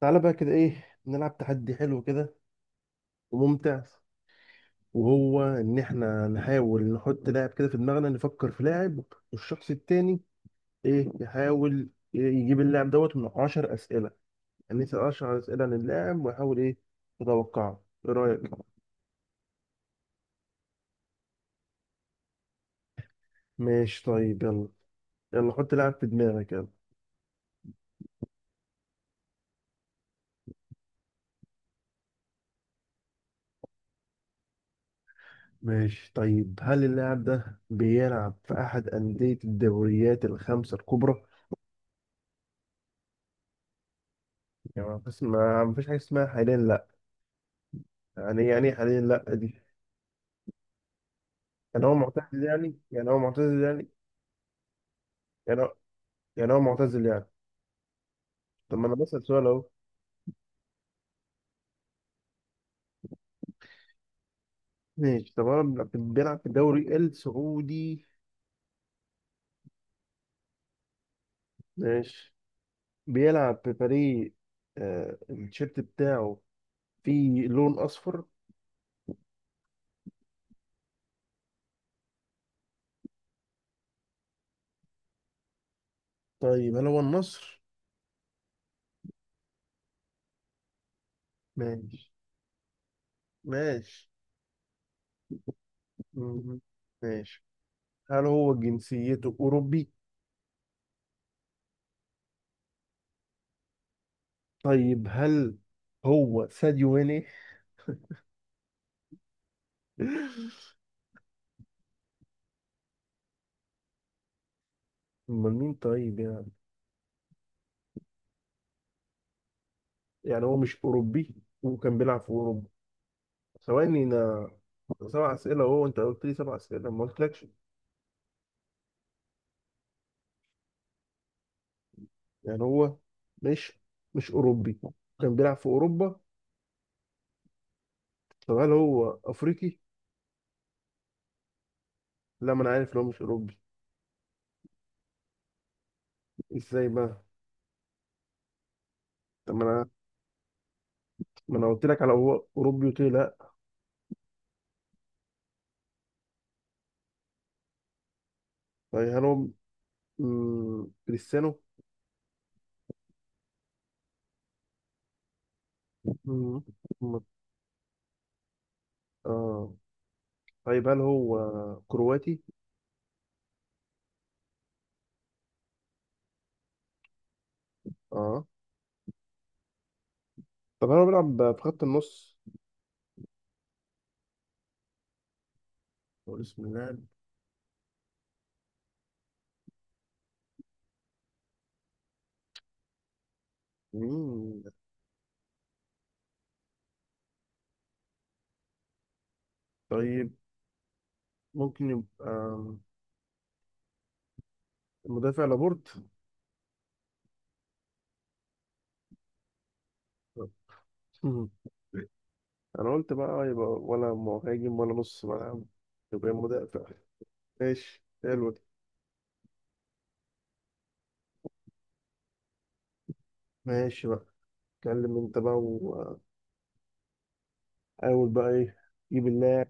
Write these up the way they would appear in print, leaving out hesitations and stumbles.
تعالى بقى كده، ايه، نلعب تحدي حلو كده وممتع. وهو ان احنا نحاول نحط لاعب كده في دماغنا، نفكر في لاعب، والشخص التاني ايه يحاول إيه، يجيب اللاعب دوت من 10 اسئله. يعني يسال 10 اسئله عن اللاعب ويحاول ايه يتوقعه. ايه رايك؟ ماشي طيب يلا. يلا حط لاعب في دماغك، يلا. ماشي طيب. هل اللاعب ده بيلعب في احد انديه الدوريات الخمسه الكبرى؟ يعني بس ما فيش حاجه اسمها حاليا لا. يعني إيه حاليا لا دي؟ يعني هو معتزل يعني، يعني هو معتزل يعني، يعني هو، يعني هو معتزل يعني. طب ما انا بسأل سؤال اهو. ماشي. طب هو بيلعب في الدوري السعودي؟ ماشي. بيلعب في فريق، آه، التيشيرت بتاعه فيه لون اصفر. طيب هل هو النصر؟ ماشي. ماشي. مم. ماشي. هل هو جنسيته اوروبي؟ طيب هل هو ساديو ماني؟ امال مين طيب يعني؟ يعني هو مش اوروبي وكان بيلعب في اوروبا. ثواني انا، سبع اسئله اهو، انت قلت لي سبع اسئله ما قلتلكش. يعني هو مش مش اوروبي كان بيلعب في اوروبا. طب هل هو افريقي؟ لا، ما انا عارف ان هو مش اوروبي. ازاي بقى؟ طب ما انا قلت لك على هو اوروبي قلت لي لا. طيب هل هو، كريستيانو. مم، مم، اه. طيب هل هو كرواتي؟ اه. طب هل هو بيلعب في خط النص؟ هو اسم اللاعب مين؟ طيب، ممكن يبقى مدافع لابورت؟ انا قلت بقى يبقى ولا مهاجم ولا نص ملعب، يبقى مدافع. ماشي حلو ده. ماشي بقى. اتكلم انت بقى وحاول بقى، ايه، جيب اللاعب.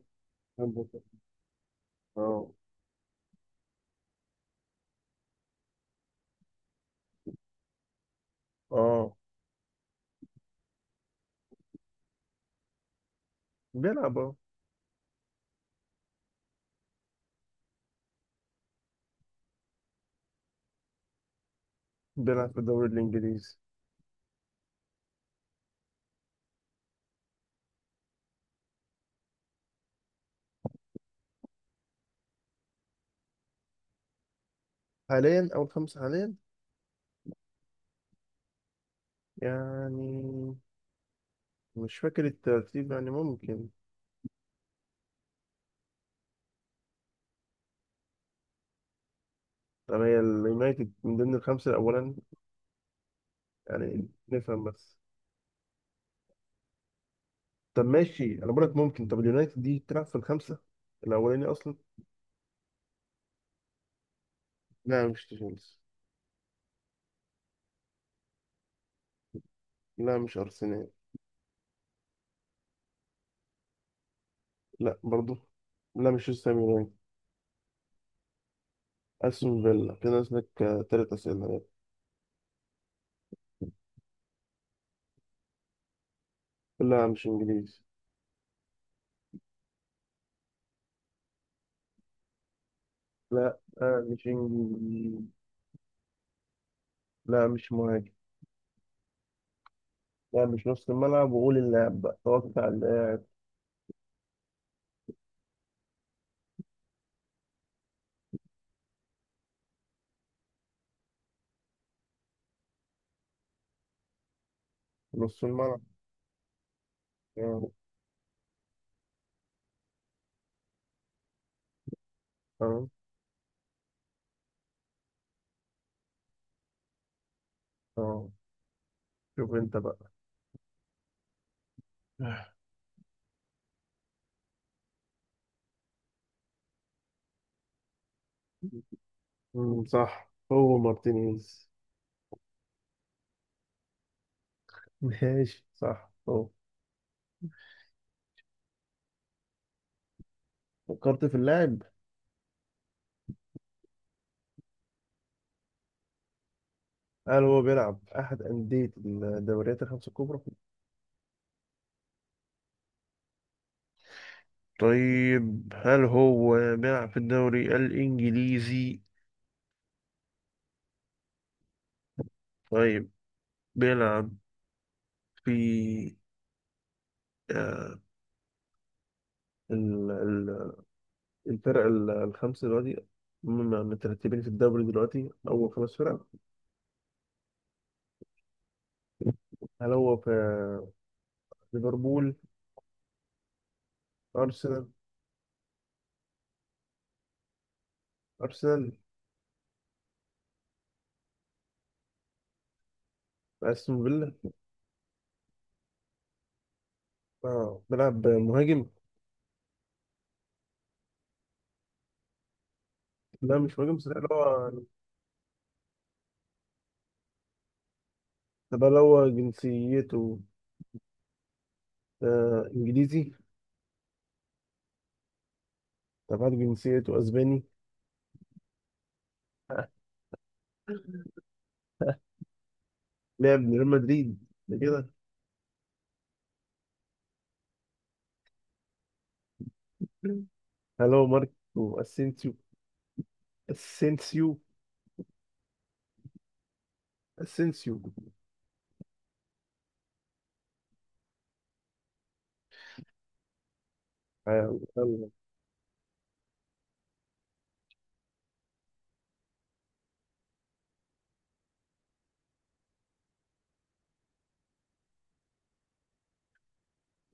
اه. اه بيلعب. اه بيلعب في الدوري الانجليزي. حاليا اول خمسة، حاليا يعني. مش فاكر الترتيب يعني، ممكن. طب هي اليونايتد من ضمن الخمسة الأولا؟ يعني نفهم بس. طب ماشي، أنا بقولك ممكن. طب اليونايتد دي تلعب في الخمسة الأولاني أصلا؟ لا مش تشيلسي. لا مش أرسنال. لا برضو. لا مش وست هام يونايتد. أستون فيلا كده نازلك تلات أسئلة. لا مش إنجليزي. لا، آه، مش إنجليزي. لا مش مهاجم. لا مش نص الملعب. وقول اللاعب بقى، هو بتاع اللاعب. نص الملعب. اه. اه. آه. شوف أنت بقى. مم، صح هو مارتينيز. ماشي، صح هو. فكرت في اللاعب. هل هو بيلعب أحد أندية الدوريات الخمسة الكبرى؟ طيب هل هو بيلعب في الدوري الإنجليزي؟ طيب بيلعب في، آه، ال- ال- الفرق الخمسة دلوقتي، هم مترتبين في الدوري دلوقتي أول خمس فرق؟ هل هو في ليفربول؟ أرسنال؟ أرسنال؟ أستون فيلا؟ آه بيلعب مهاجم؟ لا مش مهاجم بس، لا هو. طب هل هو جنسيته، آه، إنجليزي؟ طب هل جنسيته أسباني؟ لعب لريال مدريد ده كده. هلو، ماركو اسينسيو. اسينسيو. اسينسيو. آه، يلا.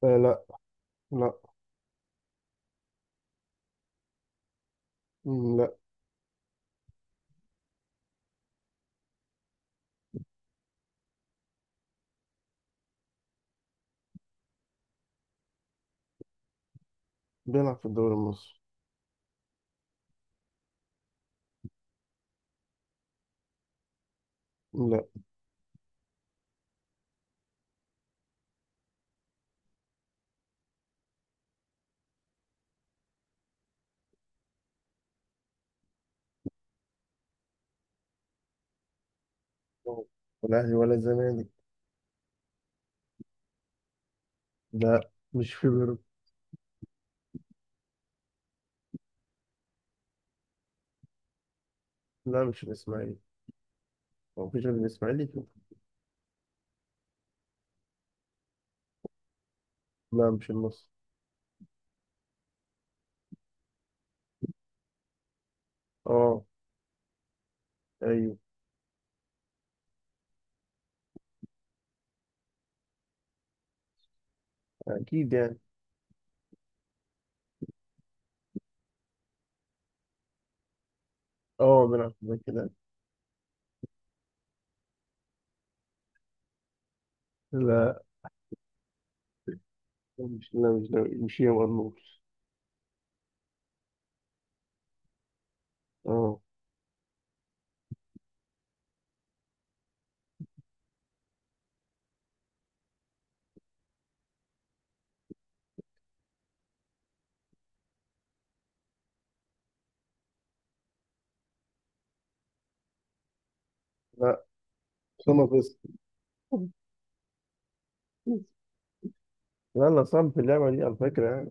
آه. لا. لا. مم، لا. بيلعب في الدوري المصري. لا ولا اهلي ولا زمالك. لا مش في بيراميدز. لا مش الاسماعيلي. هو مفيش غير الاسماعيلي فيه. لا مش النصر. اه. ايوه. اكيد يعني. اه بيلعب في كده. لا لا مش دوري مش يا مرموش. اه. لا. أسامة فيصل. لا، لا، صعب في اللعبة دي على فكرة يعني.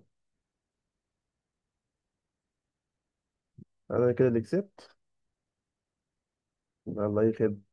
أنا كده اللي كسبت. يلا أي خدمة.